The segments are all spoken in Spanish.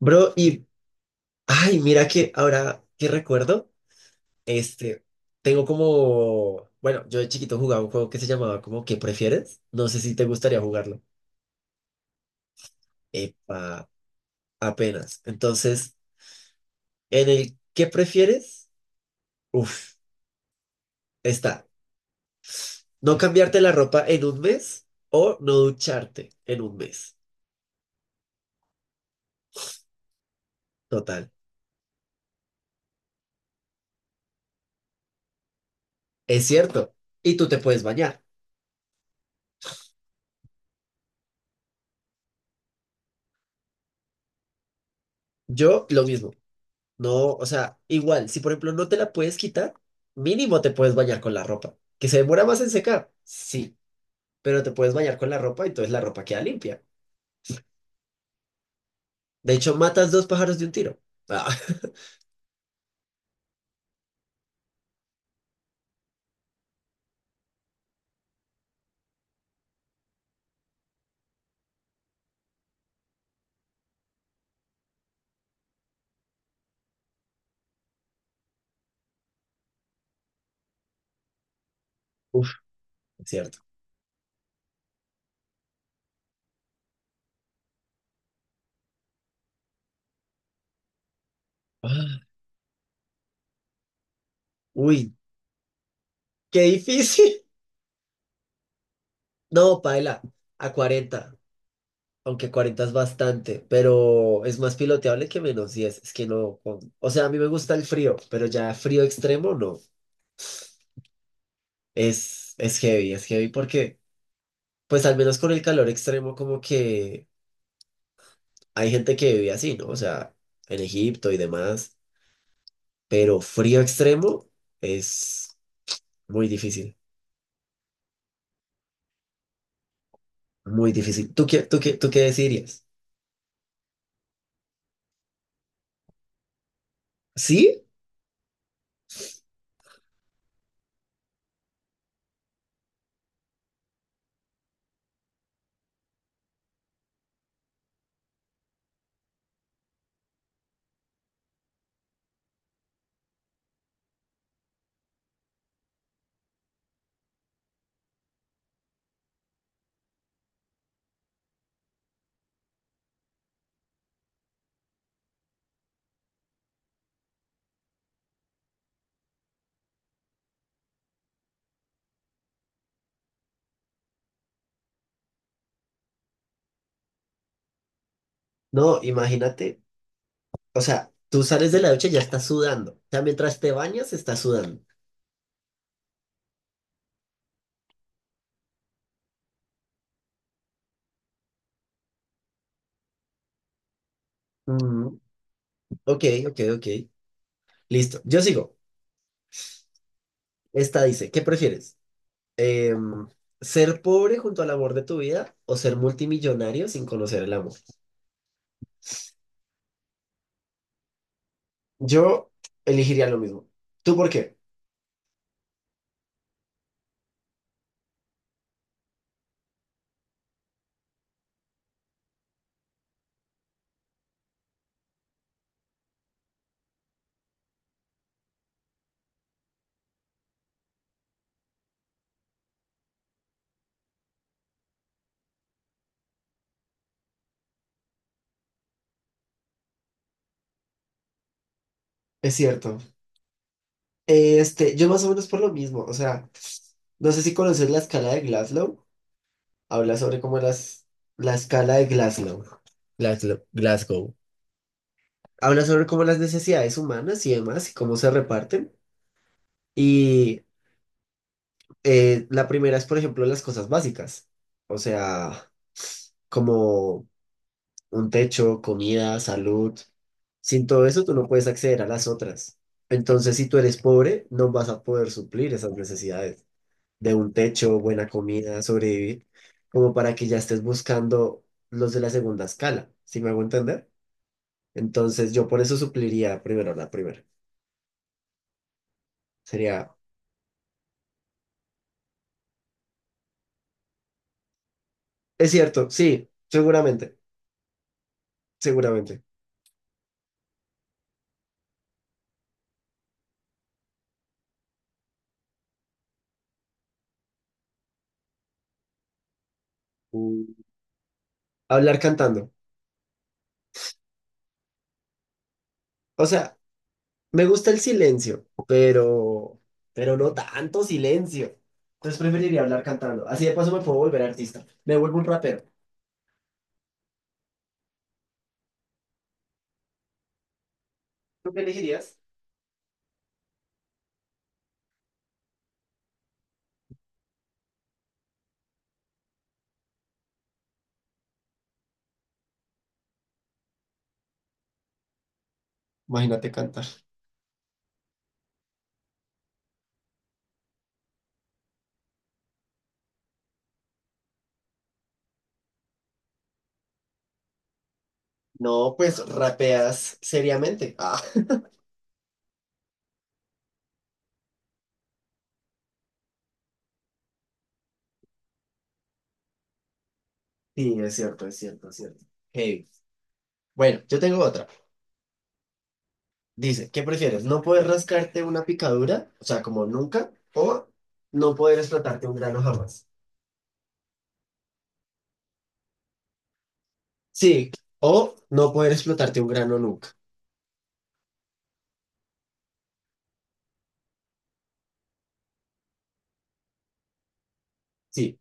Bro, ay, mira que ahora que recuerdo, este, tengo como, bueno, yo de chiquito jugaba un juego que se llamaba como ¿Qué prefieres? No sé si te gustaría jugarlo. Epa, apenas. Entonces, en el ¿Qué prefieres? Uf, está. No cambiarte la ropa en un mes o no ducharte en un mes. Total. Es cierto. Y tú te puedes bañar. Yo lo mismo. No, o sea, igual, si por ejemplo no te la puedes quitar, mínimo te puedes bañar con la ropa. ¿Que se demora más en secar? Sí, pero te puedes bañar con la ropa y entonces la ropa queda limpia. De hecho, matas dos pájaros de un tiro. Ah, uf, es cierto. Ah, uy, qué difícil. No, paila, a 40, aunque 40 es bastante, pero es más piloteable que -10. Es que no, o sea, a mí me gusta el frío, pero ya frío extremo no. Es heavy, es heavy porque. Pues al menos con el calor extremo, como que hay gente que vive así, ¿no? O sea, en Egipto y demás, pero frío extremo es muy difícil, muy difícil. ¿Tú qué decidirías? ¿Sí? No, imagínate, o sea, tú sales de la ducha y ya estás sudando. O sea, mientras te bañas, estás sudando. Mm, ok, ok, ok. Listo. Yo sigo. Esta dice, ¿qué prefieres? Em, ¿Ser pobre junto al amor de tu vida o ser multimillonario sin conocer el amor? Yo elegiría lo mismo. ¿Tú por qué? Es cierto. Yo más o menos por lo mismo. O sea, no sé si conoces la escala de Glasgow. Habla sobre cómo las, la escala de Glasgow. Glasgow, Glasgow. Habla sobre cómo las necesidades humanas y demás y cómo se reparten. Y la primera es, por ejemplo, las cosas básicas. O sea, como un techo, comida, salud. Sin todo eso, tú no puedes acceder a las otras. Entonces, si tú eres pobre, no vas a poder suplir esas necesidades de un techo, buena comida, sobrevivir, como para que ya estés buscando los de la segunda escala, ¿sí me hago entender? Entonces, yo por eso supliría primero la primera. Sería, es cierto, sí, seguramente, seguramente. Mm. Hablar cantando. O sea, me gusta el silencio, pero no tanto silencio. Entonces preferiría hablar cantando. Así de paso me puedo volver artista. Me vuelvo un rapero. ¿Tú qué elegirías? Imagínate cantar. No, pues rapeas seriamente. Ah, sí, es cierto, es cierto, es cierto. Hey. Bueno, yo tengo otra. Dice, ¿qué prefieres? ¿No poder rascarte una picadura? O sea, como nunca, o no poder explotarte un grano jamás. Sí, o no poder explotarte un grano nunca. Sí.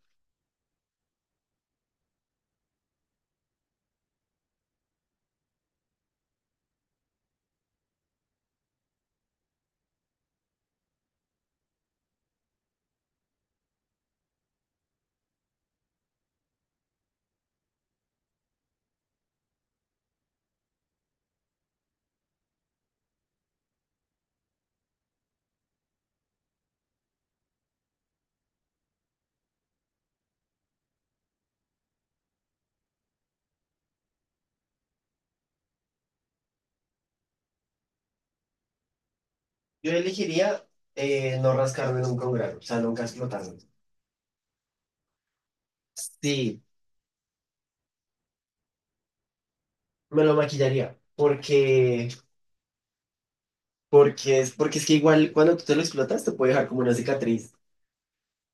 Yo elegiría no rascarme nunca un grano, o sea, nunca explotarme. Sí, me lo maquillaría. Porque, porque es que igual cuando tú te lo explotas te puede dejar como una cicatriz.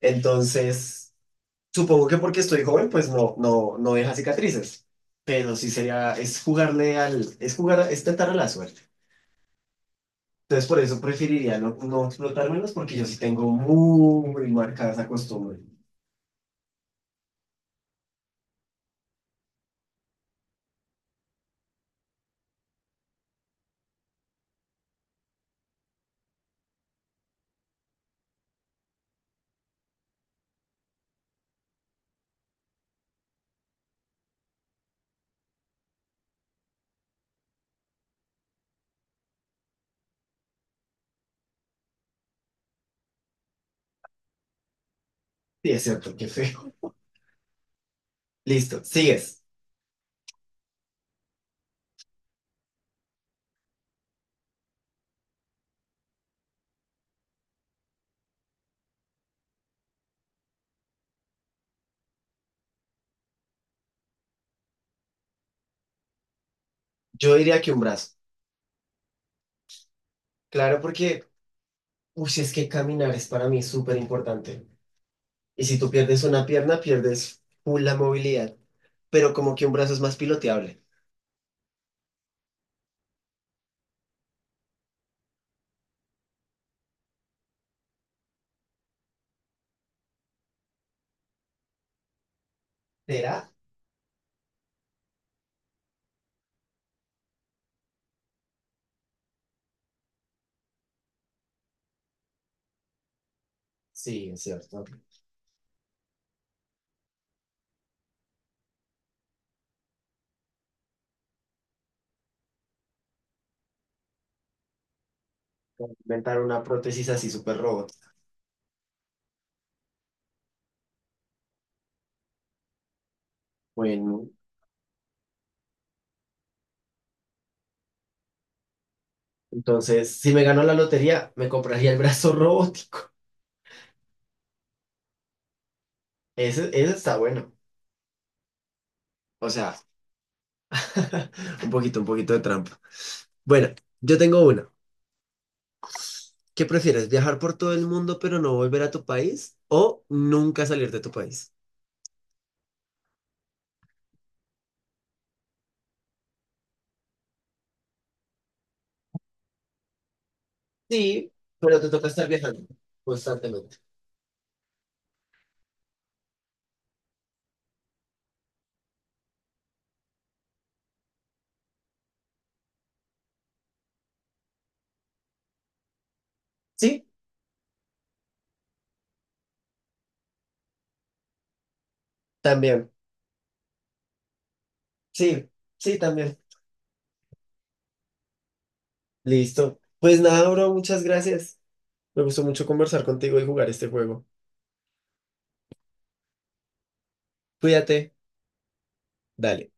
Entonces, supongo que porque estoy joven, pues no, no, no deja cicatrices. Pero sí sería, es jugarle al, es jugar, a- es tentar a la suerte. Entonces, por eso preferiría no, no explotármelos porque yo sí tengo muy marcada esa costumbre. Sí, es cierto, qué feo. Listo, sigues. Yo diría que un brazo. Claro, porque uy, sí, es que caminar es para mí súper importante. Y si tú pierdes una pierna, pierdes full la movilidad. Pero como que un brazo es más piloteable. ¿Será? Sí, es cierto. Inventar una prótesis así súper robot. Bueno, entonces, si me gano la lotería, me compraría el brazo robótico. Ese está bueno. O sea, un poquito de trampa. Bueno, yo tengo una. ¿Qué prefieres? ¿Viajar por todo el mundo pero no volver a tu país? ¿O nunca salir de tu país? Sí, pero te toca estar viajando constantemente. Sí, también. Sí, sí, también. Listo. Pues nada, bro, muchas gracias. Me gustó mucho conversar contigo y jugar este juego. Cuídate. Dale.